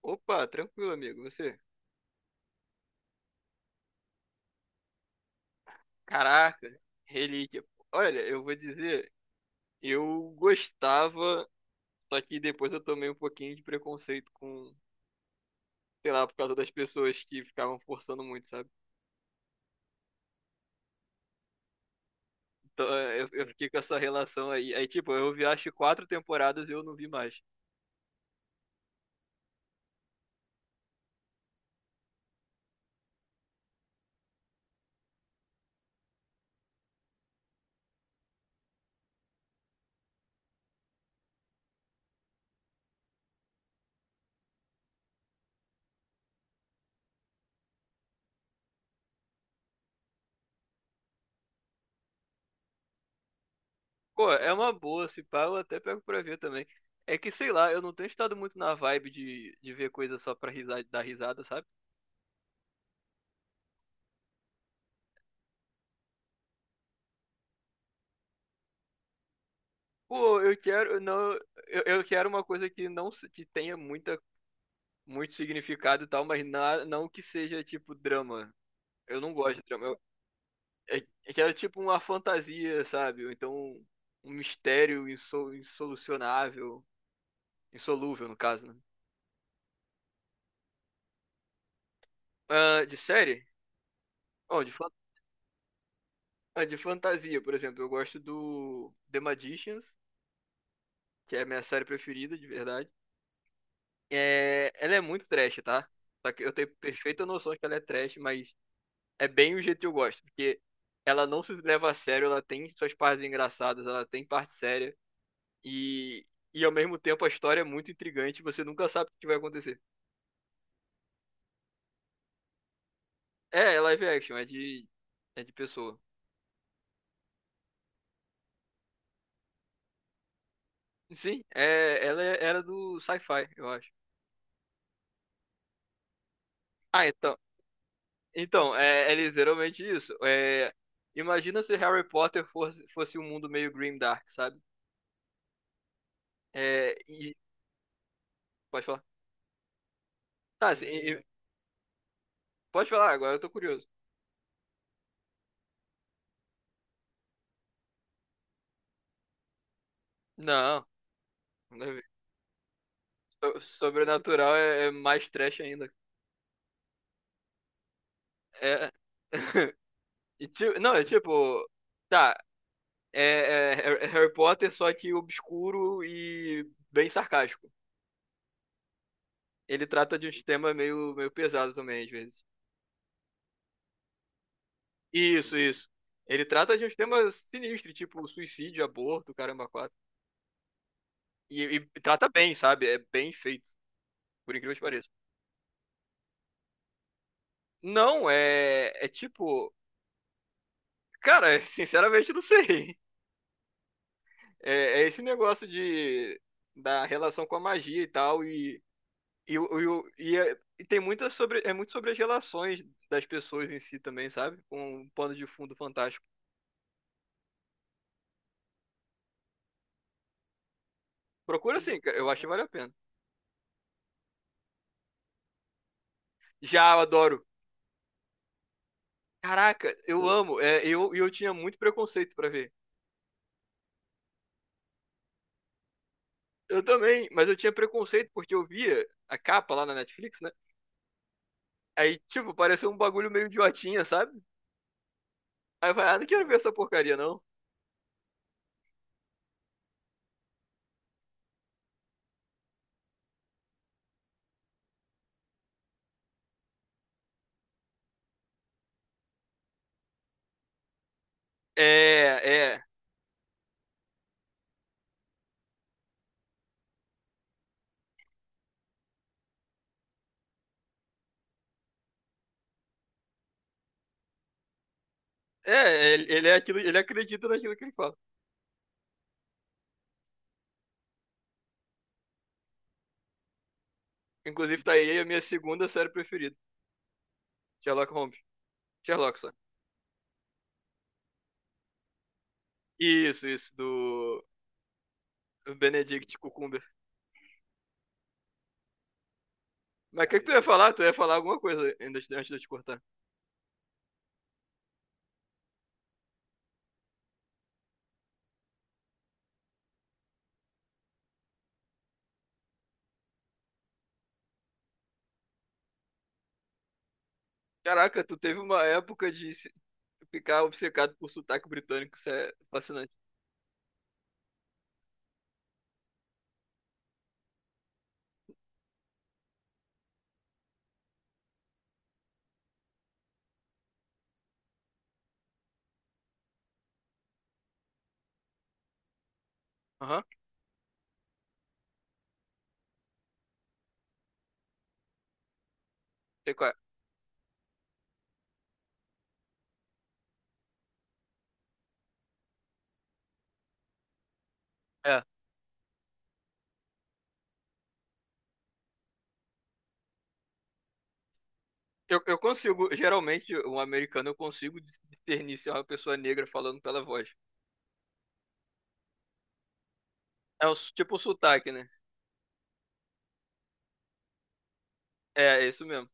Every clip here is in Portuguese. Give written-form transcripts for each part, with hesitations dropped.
Opa, tranquilo, amigo. Você? Caraca, relíquia. Olha, eu vou dizer, eu gostava, só que depois eu tomei um pouquinho de preconceito com, sei lá, por causa das pessoas que ficavam forçando muito, sabe? Então é, eu fiquei com essa relação aí. Aí, tipo, eu vi acho quatro temporadas e eu não vi mais. Pô, é uma boa, se pá, eu até pego pra ver também. É que, sei lá, eu não tenho estado muito na vibe de ver coisa só pra risada, dar risada, sabe? Pô, eu quero, não, eu quero uma coisa que não se- que tenha muita muito significado e tal, mas não que seja tipo drama. Eu não gosto de drama. Eu, é, é que era tipo uma fantasia, sabe? Ou então um mistério insolucionável, insolúvel no caso, né? Ah, de série? Oh, ah, de fantasia, por exemplo, eu gosto do The Magicians, que é a minha série preferida, de verdade. É, ela é muito trash, tá? Só que eu tenho perfeita noção de que ela é trash, mas é bem o jeito que eu gosto, porque ela não se leva a sério, ela tem suas partes engraçadas, ela tem parte séria e e ao mesmo tempo a história é muito intrigante, você nunca sabe o que vai acontecer. É, é live action, é de pessoa. Sim, é, era do sci-fi, eu acho. Ah, então, então é, é literalmente isso. É, imagina se Harry Potter fosse um mundo meio grim dark, sabe? É, e pode falar. Tá, assim, pode falar agora, eu tô curioso. Não, não deve. Sobrenatural é, é mais trash ainda. É. Não, é tipo. Tá. É Harry Potter, só que obscuro e bem sarcástico. Ele trata de uns temas meio, meio pesado também, às vezes. Isso, isso. Ele trata de uns temas sinistros, tipo suicídio, aborto, caramba, quatro. E trata bem, sabe? É bem feito, por incrível que pareça. Não, é. É tipo. Cara, sinceramente, não sei. É, é esse negócio de, da relação com a magia e tal, e tem é muito sobre as relações das pessoas em si também, sabe? Com um pano de fundo fantástico. Procura sim, cara, eu acho que vale a pena. Já, eu adoro. Caraca, eu amo. É, e eu tinha muito preconceito pra ver. Eu também, mas eu tinha preconceito porque eu via a capa lá na Netflix, né? Aí, tipo, pareceu um bagulho meio idiotinha, sabe? Aí eu falei, ah, não quero ver essa porcaria, não. É, é. É, ele é aquilo, ele acredita naquilo que ele fala. Inclusive, tá aí a minha segunda série preferida, Sherlock Holmes. Sherlock só. Isso, do do Benedict Cucumber. Mas o que, que tu ia falar? Tu ia falar alguma coisa ainda antes de eu te cortar. Caraca, tu teve uma época de se- ficar obcecado por sotaque britânico, isso é fascinante. Aham, sei qual é. É. Eu consigo, geralmente, um americano, eu consigo discernir se é uma pessoa negra falando pela voz. É tipo o sotaque, né? É, é isso mesmo.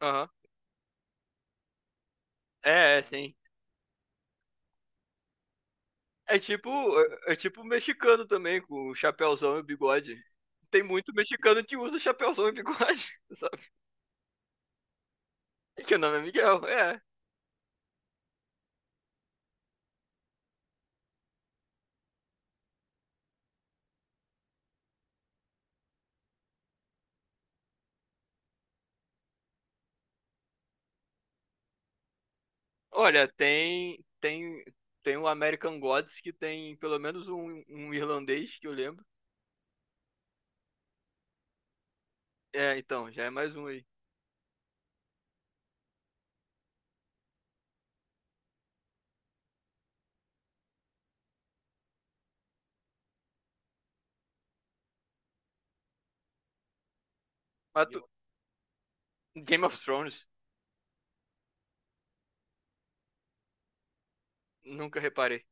Aham. É, é, sim. É tipo, é, é tipo mexicano também, com o chapéuzão e o bigode. Tem muito mexicano que usa chapéuzão e bigode, sabe? Que o nome é Miguel, é. Olha, tem o American Gods que tem pelo menos um, um irlandês que eu lembro. É, então, já é mais um aí. Mas tu- Game of Thrones, nunca reparei.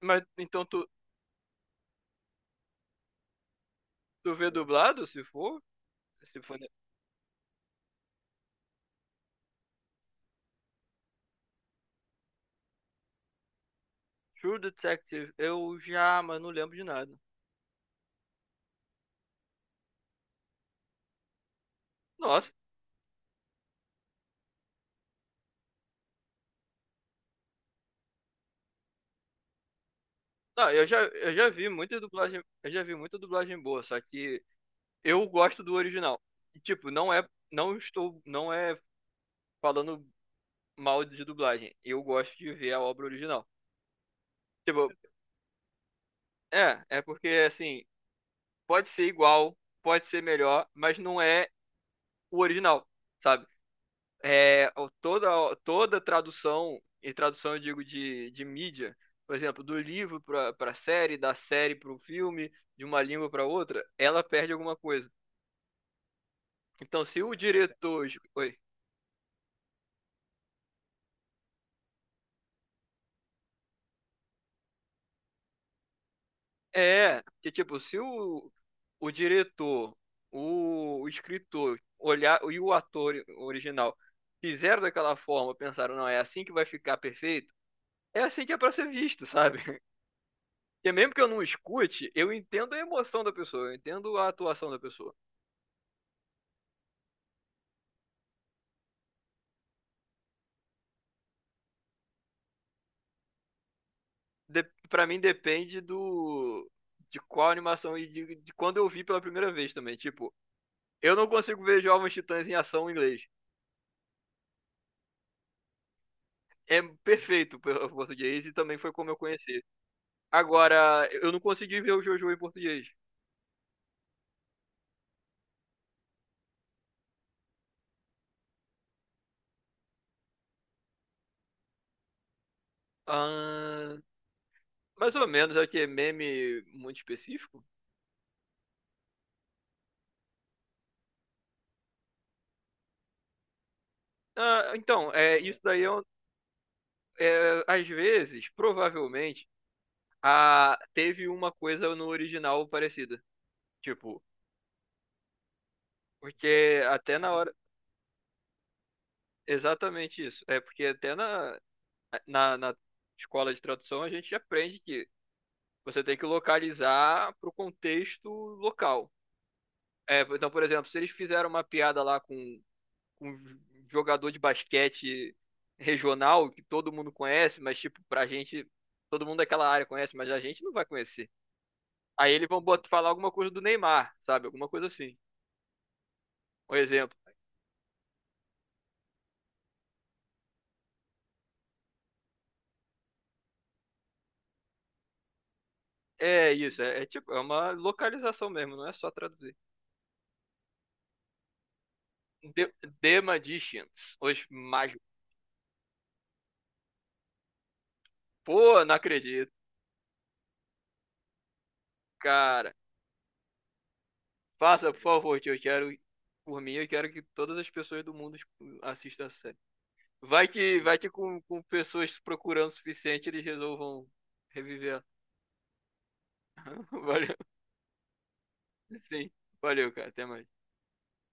Mas então tu, tu vê dublado, se for? Se for. Né? True Detective, eu já, mas não lembro de nada. Nossa. Não, eu já vi muita dublagem, eu já vi muita dublagem boa, só que eu gosto do original. E, tipo, não é falando mal de dublagem. Eu gosto de ver a obra original. Tipo, é, é porque assim, pode ser igual, pode ser melhor, mas não é o original, sabe? É, toda toda tradução, e tradução eu digo de mídia, por exemplo, do livro para série, da série para o filme, de uma língua para outra, ela perde alguma coisa. Então, se o diretor. Oi. É, que tipo, se o, o diretor, o escritor olhar e o ator original fizeram daquela forma, pensaram, não, é assim que vai ficar perfeito, é assim que é pra ser visto, sabe? Porque mesmo que eu não escute, eu entendo a emoção da pessoa, eu entendo a atuação da pessoa. De, pra mim depende do. De qual animação e de quando eu vi pela primeira vez também. Tipo, eu não consigo ver Jovens Titãs em ação em inglês. É perfeito o português e também foi como eu conheci. Agora, eu não consegui ver o Jojo em português. Ah, mais ou menos, é que é meme muito específico. Ah, então, é, é, às vezes, provavelmente, teve uma coisa no original parecida. Tipo, porque até na hora. Exatamente isso. É porque até na escola de tradução a gente aprende que você tem que localizar para o contexto local. É, então, por exemplo, se eles fizeram uma piada lá com um jogador de basquete regional que todo mundo conhece, mas tipo, pra gente, todo mundo daquela área conhece, mas a gente não vai conhecer. Aí eles vão botar, falar alguma coisa do Neymar, sabe? Alguma coisa assim. Um exemplo. É isso, é, é tipo, é uma localização mesmo, não é só traduzir. The, The Magicians, os mágicos. Pô, não acredito, cara. Faça, por favor, tio, eu quero, por mim, eu quero que todas as pessoas do mundo tipo, assistam essa. Vai que com pessoas procurando o suficiente, eles resolvam reviver. Valeu. Sim. Valeu, cara. Até mais.